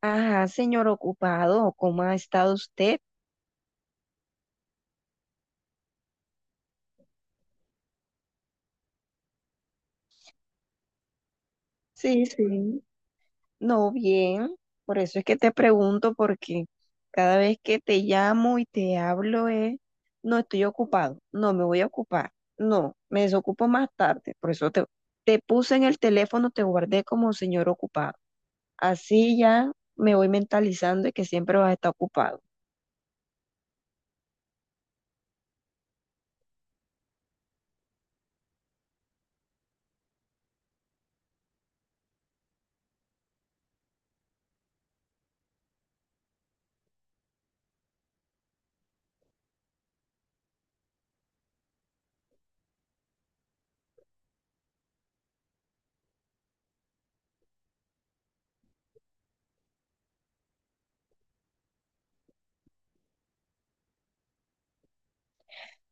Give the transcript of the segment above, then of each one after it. Ajá, señor ocupado, ¿cómo ha estado usted? Sí, sí. No, bien. Por eso es que te pregunto, porque cada vez que te llamo y te hablo es, no estoy ocupado, no me voy a ocupar, no, me desocupo más tarde. Por eso te puse en el teléfono, te guardé como señor ocupado. Así ya me voy mentalizando de que siempre vas a estar ocupado.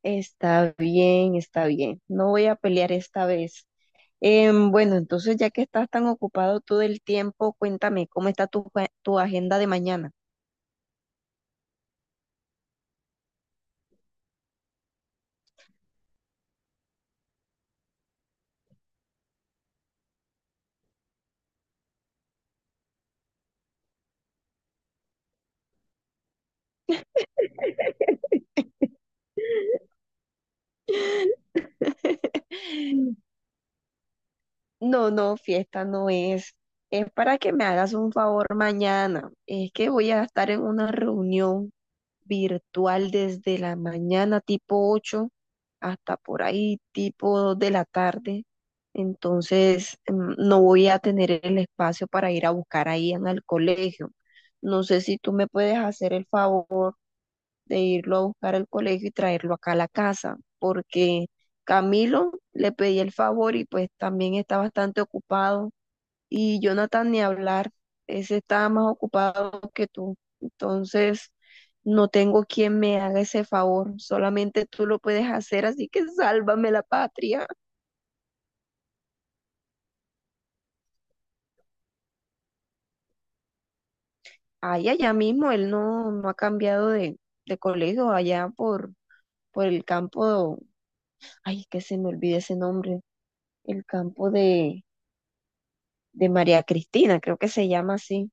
Está bien, está bien. No voy a pelear esta vez. Bueno, entonces ya que estás tan ocupado todo el tiempo, cuéntame, ¿cómo está tu agenda de mañana? No, no, fiesta no es. Es para que me hagas un favor mañana. Es que voy a estar en una reunión virtual desde la mañana tipo 8 hasta por ahí tipo 2 de la tarde. Entonces, no voy a tener el espacio para ir a buscar ahí en el colegio. No sé si tú me puedes hacer el favor. De irlo a buscar al colegio y traerlo acá a la casa, porque Camilo le pedí el favor y pues también está bastante ocupado, y Jonathan ni hablar, ese está más ocupado que tú. Entonces, no tengo quien me haga ese favor, solamente tú lo puedes hacer, así que sálvame la patria. Ay, allá mismo él no, no ha cambiado de colegio, allá por el campo, ay, que se me olvide ese nombre, el campo de María Cristina, creo que se llama así.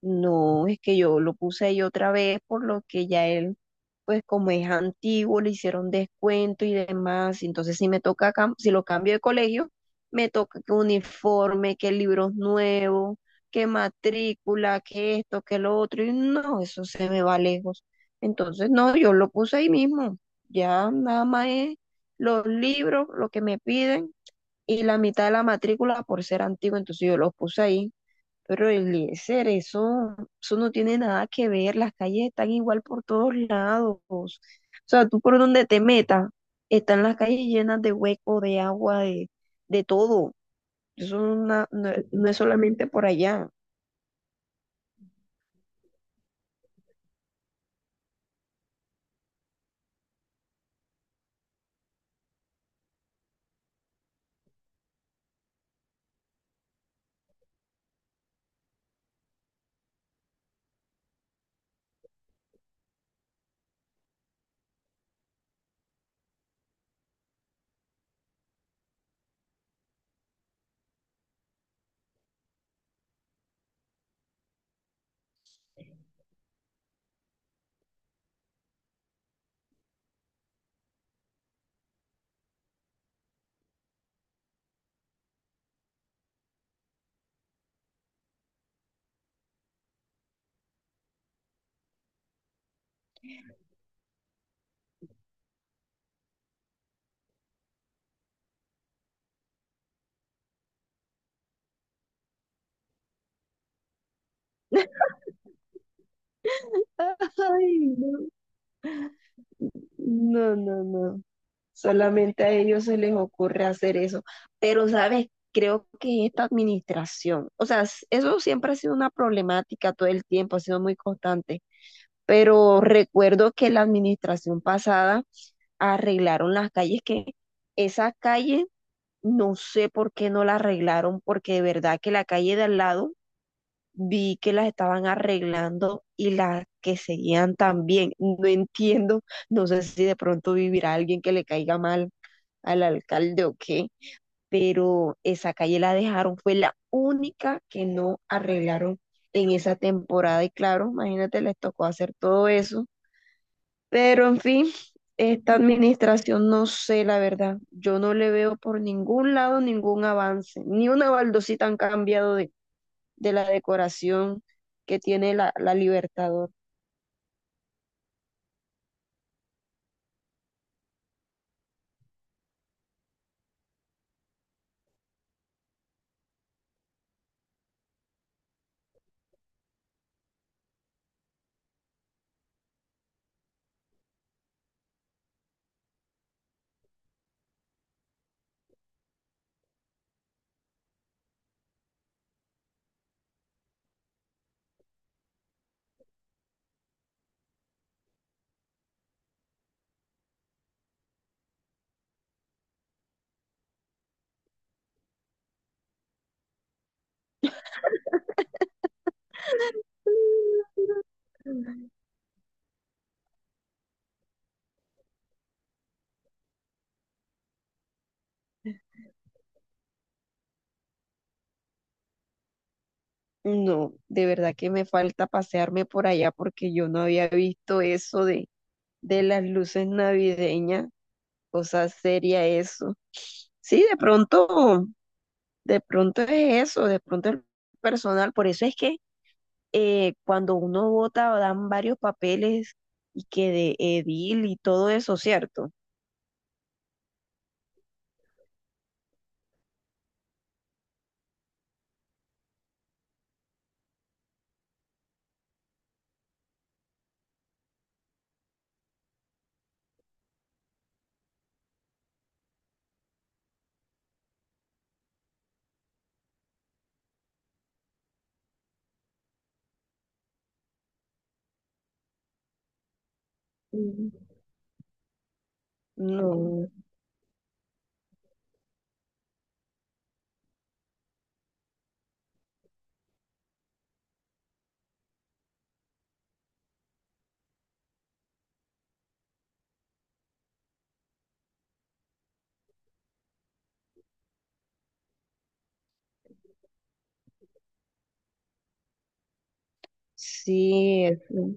No, es que yo lo puse ahí otra vez, por lo que ya él, pues como es antiguo, le hicieron descuento y demás. Entonces, si me toca, si lo cambio de colegio, me toca que uniforme, que libros nuevos, que matrícula, que esto, que lo otro. Y no, eso se me va lejos. Entonces, no, yo lo puse ahí mismo. Ya nada más es los libros, lo que me piden y la mitad de la matrícula por ser antiguo, entonces yo los puse ahí. Pero eso no tiene nada que ver, las calles están igual por todos lados. O sea, tú por donde te metas, están las calles llenas de hueco, de agua, de todo. Eso no, no es solamente por allá. Ay, no, no, no, no. Solamente a ellos se les ocurre hacer eso. Pero, ¿sabes? Creo que esta administración, o sea, eso siempre ha sido una problemática todo el tiempo, ha sido muy constante. Pero recuerdo que la administración pasada arreglaron las calles, que esas calles no sé por qué no la arreglaron, porque de verdad que la calle de al lado vi que las estaban arreglando y las que seguían también. No entiendo, no sé si de pronto vivirá alguien que le caiga mal al alcalde o qué, pero esa calle la dejaron, fue la única que no arreglaron en esa temporada y claro, imagínate, les tocó hacer todo eso, pero en fin, esta administración no sé, la verdad, yo no le veo por ningún lado ningún avance, ni una baldosita han cambiado de la decoración que tiene la Libertador. No, de verdad que me falta pasearme por allá porque yo no había visto eso de las luces navideñas, cosa seria eso. Sí, de pronto es eso, de pronto el personal, por eso es que cuando uno vota dan varios papeles y que de edil y todo eso, ¿cierto? No, sí, eso.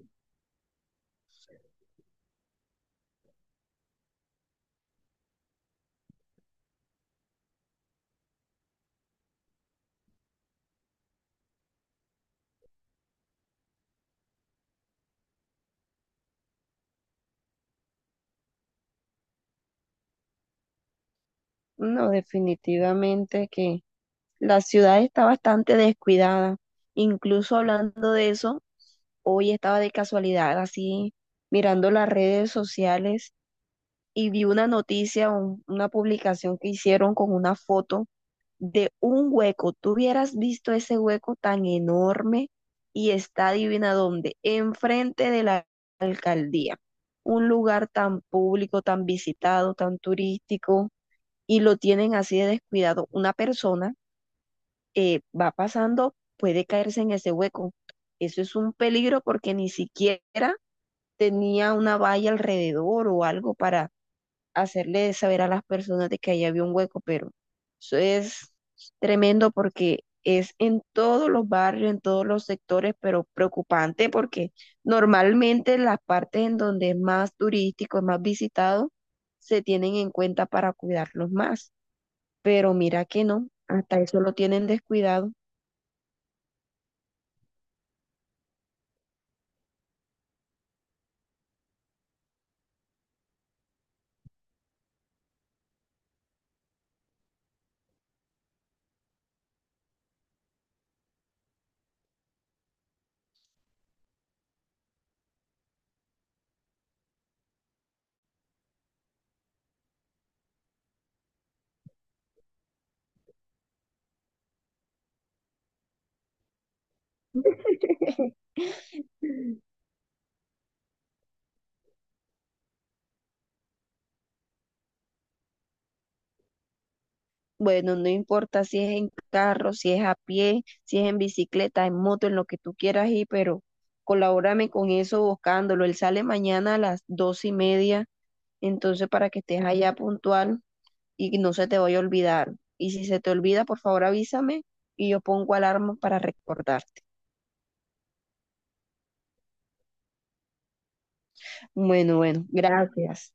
No, definitivamente que la ciudad está bastante descuidada. Incluso hablando de eso, hoy estaba de casualidad así mirando las redes sociales y vi una noticia, una publicación que hicieron con una foto de un hueco. Tú hubieras visto ese hueco tan enorme y está adivina dónde, enfrente de la alcaldía. Un lugar tan público, tan visitado, tan turístico, y lo tienen así de descuidado. Una persona va pasando, puede caerse en ese hueco. Eso es un peligro porque ni siquiera tenía una valla alrededor o algo para hacerle saber a las personas de que ahí había un hueco, pero eso es tremendo porque es en todos los barrios, en todos los sectores, pero preocupante porque normalmente las partes en donde es más turístico, es más visitado, se tienen en cuenta para cuidarlos más, pero mira que no, hasta eso lo tienen descuidado. Bueno, no importa si es en carro, si es a pie, si es en bicicleta, en moto, en lo que tú quieras ir, pero colabórame con eso buscándolo. Él sale mañana a las 2:30, entonces para que estés allá puntual y no se te vaya a olvidar. Y si se te olvida, por favor avísame y yo pongo alarma para recordarte. Bueno, bueno, gracias.